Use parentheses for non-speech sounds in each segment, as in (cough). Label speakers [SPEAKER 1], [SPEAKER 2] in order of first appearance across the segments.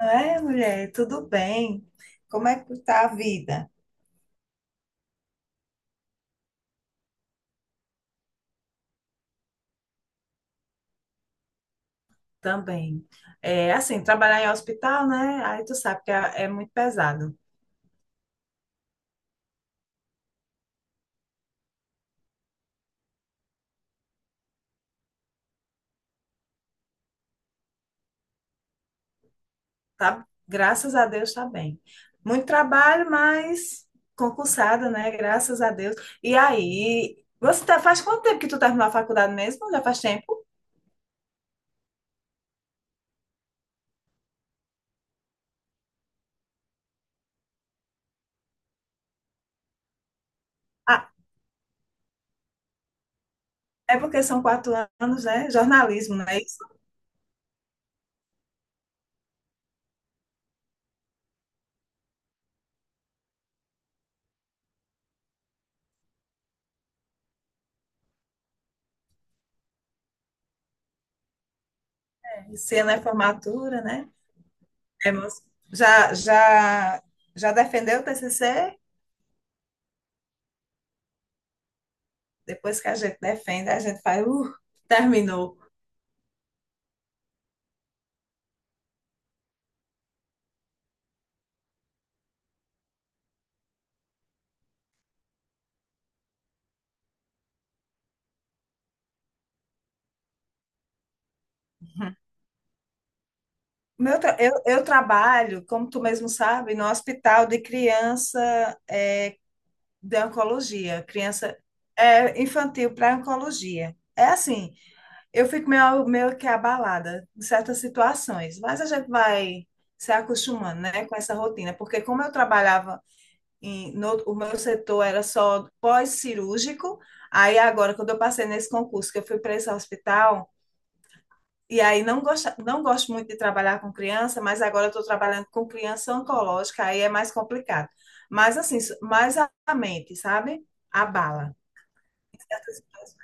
[SPEAKER 1] É, mulher, tudo bem? Como é que tá a vida? Também. É assim, trabalhar em hospital, né? Aí tu sabe que é muito pesado, tá? Graças a Deus tá bem. Muito trabalho, mas concursada, né? Graças a Deus. E aí, faz quanto tempo que tu terminou a faculdade mesmo? Já faz tempo? Ah, é porque são 4 anos, né? Jornalismo, não é isso? Esse ano é formatura, né? É, mas já, já, já defendeu o TCC? Depois que a gente defende, a gente faz, terminou. Eu trabalho, como tu mesmo sabe, no hospital de criança é, de oncologia, criança infantil para oncologia. É assim, eu fico meio que abalada em certas situações, mas a gente vai se acostumando, né, com essa rotina, porque como eu trabalhava em, no, o meu setor era só pós-cirúrgico. Aí agora, quando eu passei nesse concurso, que eu fui para esse hospital, e aí não gosto muito de trabalhar com criança, mas agora eu estou trabalhando com criança oncológica, aí é mais complicado. Mas assim, mais a mente, sabe? Abala. Certas pessoas,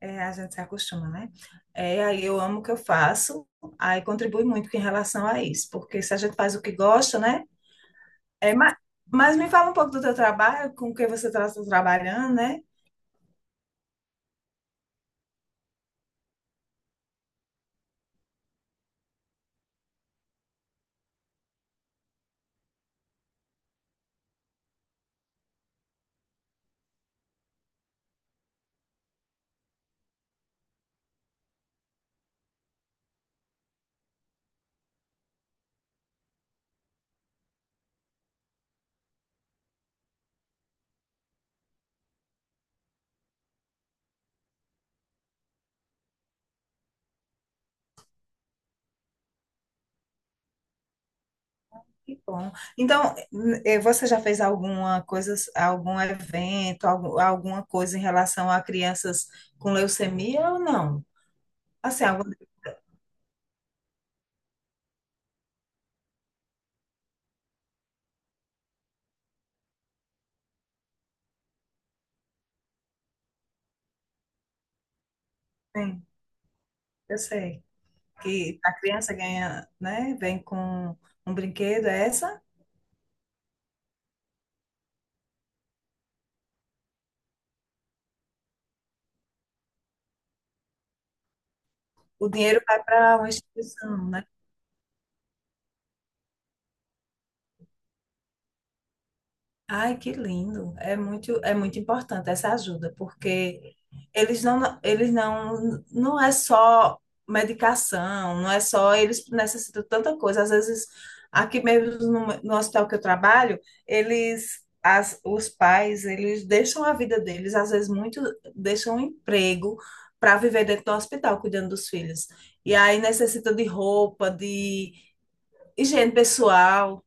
[SPEAKER 1] é, a gente se acostuma, né? É, aí eu amo o que eu faço, aí contribui muito em relação a isso, porque se a gente faz o que gosta, né? É, mas, me fala um pouco do teu trabalho, com o que você está trabalhando, né? Que bom. Então, você já fez alguma coisa, algum evento, alguma coisa em relação a crianças com leucemia ou não? Assim, algo assim, eu sei que a criança ganha, né, vem com um brinquedo, é essa? O dinheiro vai para uma instituição, né? Ai, que lindo. é muito importante essa ajuda, porque eles não, não é só medicação. Não é só, eles necessitam de tanta coisa. Às vezes, aqui mesmo no hospital que eu trabalho, os pais, eles deixam a vida deles, às vezes muito, deixam um emprego para viver dentro do hospital, cuidando dos filhos. E aí necessitam de roupa, de higiene pessoal.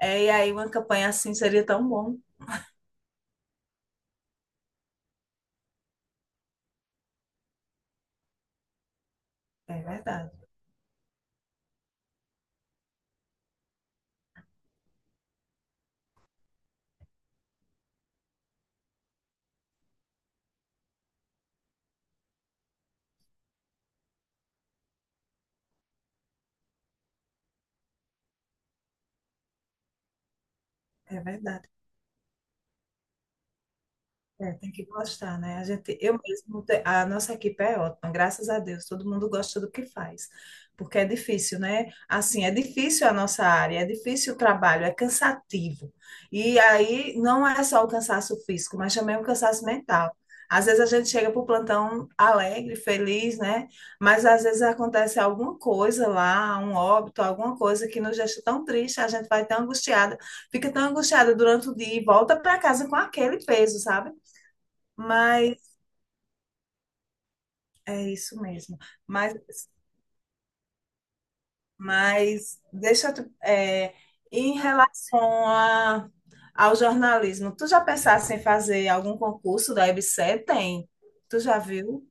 [SPEAKER 1] É, e aí uma campanha assim seria tão bom. É verdade, é verdade. É, tem que gostar, né? A gente, eu mesmo, a nossa equipe é ótima, graças a Deus, todo mundo gosta do que faz, porque é difícil, né? Assim, é difícil a nossa área, é difícil o trabalho, é cansativo. E aí não é só o cansaço físico, mas também o cansaço mental. Às vezes a gente chega para o plantão alegre, feliz, né? Mas às vezes acontece alguma coisa lá, um óbito, alguma coisa que nos deixa tão triste, a gente vai tão angustiada, fica tão angustiada durante o dia e volta para casa com aquele peso, sabe? Mas é isso mesmo. Mas, deixa eu, em relação ao jornalismo, tu já pensaste em fazer algum concurso da EBSERH? Tem. Tu já viu?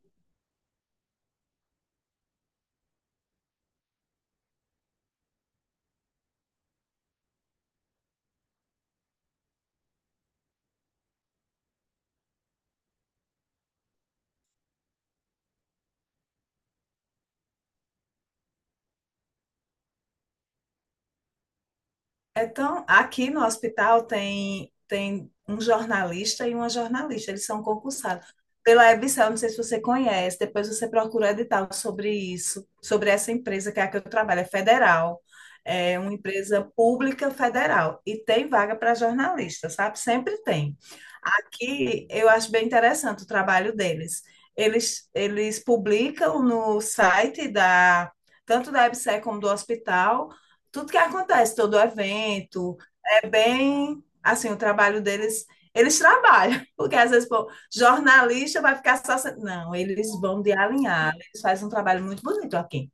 [SPEAKER 1] Então, aqui no hospital tem um jornalista e uma jornalista, eles são concursados. Pela EBSERH, não sei se você conhece, depois você procura edital sobre isso, sobre essa empresa que é a que eu trabalho, é federal, é uma empresa pública federal, e tem vaga para jornalista, sabe? Sempre tem. Aqui eu acho bem interessante o trabalho deles. Eles publicam no site da, tanto da EBSERH como do hospital, tudo que acontece, todo evento, é bem assim, o trabalho deles, eles trabalham, (laughs) porque às vezes, pô, jornalista vai ficar só. Não, eles vão de alinhar, eles fazem um trabalho muito bonito aqui.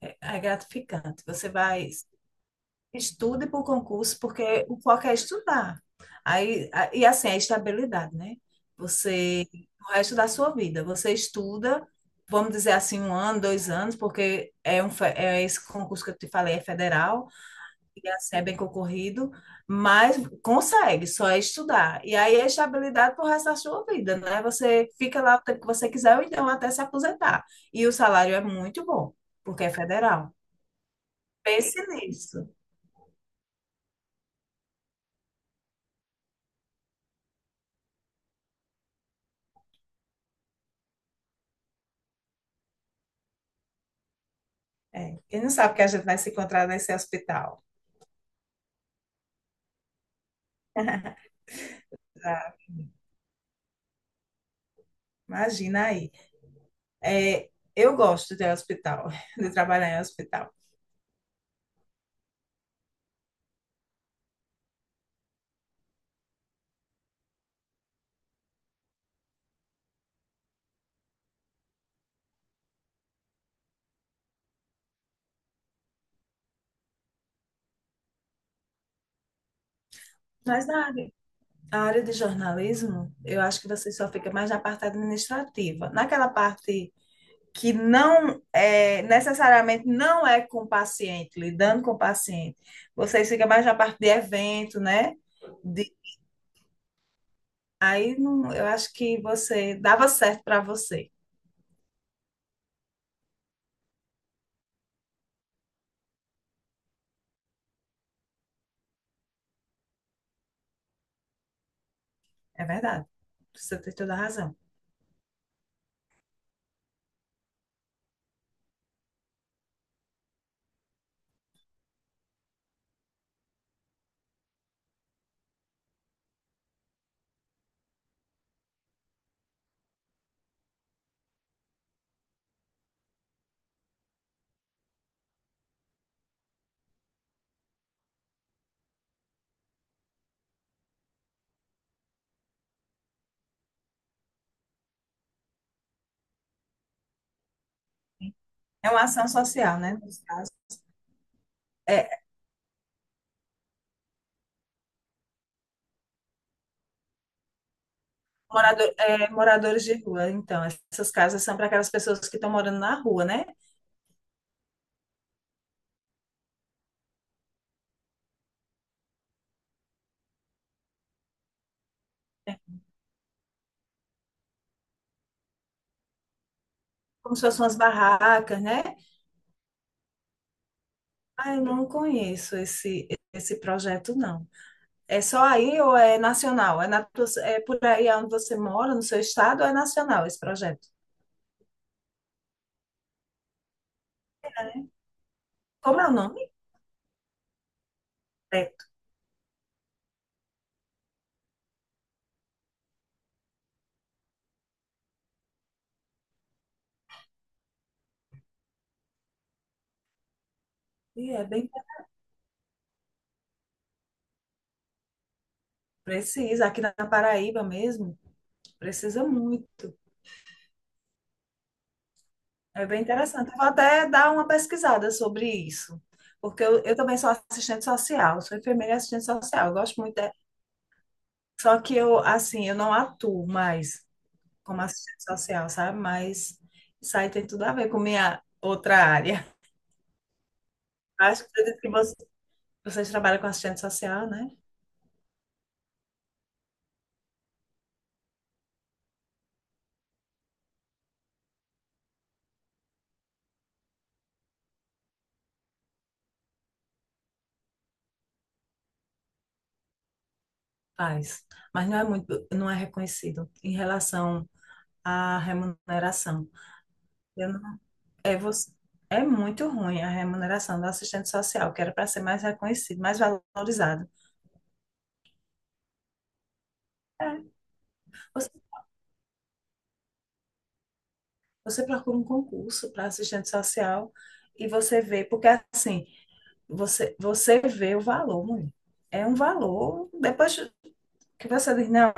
[SPEAKER 1] É gratificante. Estude para o concurso, porque o foco é estudar. Aí, e assim, a estabilidade, né? Você, o resto da sua vida, você estuda. Vamos dizer assim, um ano, 2 anos, porque é esse concurso que eu te falei, é federal. Ia ser é bem concorrido, mas consegue, só é estudar. E aí é estabilidade pro resto da sua vida, né? Você fica lá o tempo que você quiser, ou então até se aposentar. E o salário é muito bom, porque é federal. Pense nisso. É. Quem não sabe que a gente vai se encontrar nesse hospital? Ah, imagina aí. É, eu gosto de hospital, (laughs) de trabalhar em hospital. Mas a área de jornalismo, eu acho que você só fica mais na parte administrativa. Naquela parte que necessariamente não é com o paciente, lidando com o paciente. Vocês ficam mais na parte de evento, né? De- aí não- eu acho que você dava certo para você. É verdade. Você tem toda a razão. É uma ação social, né? Nos casos. É, é é, moradores de rua, então. Essas casas são para aquelas pessoas que estão morando na rua, né? Como se fossem umas barracas, né? Ah, eu não conheço esse projeto, não. É só aí ou é nacional? É, é por aí onde você mora, no seu estado, ou é nacional esse projeto? É, né? Como é o nome? Preto. E é bem precisa, aqui na Paraíba mesmo, precisa muito. É bem interessante. Eu vou até dar uma pesquisada sobre isso, porque eu também sou assistente social, sou enfermeira e assistente social, eu gosto muito. Só que eu, assim, eu não atuo mais como assistente social, sabe? Mas isso aí tem tudo a ver com minha outra área. (laughs) Acho que você disse que você trabalha com assistente social, né? Faz. Mas não é muito, não é reconhecido em relação à remuneração. Eu não- é, você, é muito ruim a remuneração do assistente social, que era para ser mais reconhecido, mais valorizado. É, você, você procura um concurso para assistente social e você vê, porque assim, Você vê o valor, mulher. É um valor. Depois que você diz, não,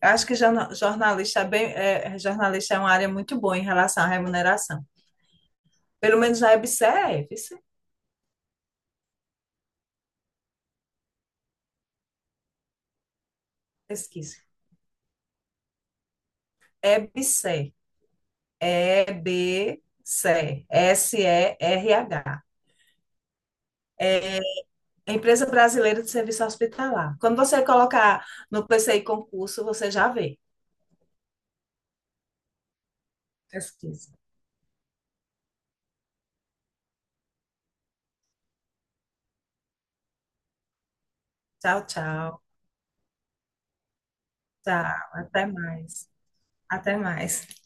[SPEAKER 1] acho que jornalista é bem, é, é, jornalista é uma área muito boa em relação à remuneração. Pelo menos na EBSER é, viu? Cê? Pesquisa. EBSER, EBSER, SERH. Empresa Brasileira de Serviço Hospitalar. Quando você colocar no PCI concurso, você já vê. Pesquisa. Tchau, tchau. Tchau. Até mais. Até mais.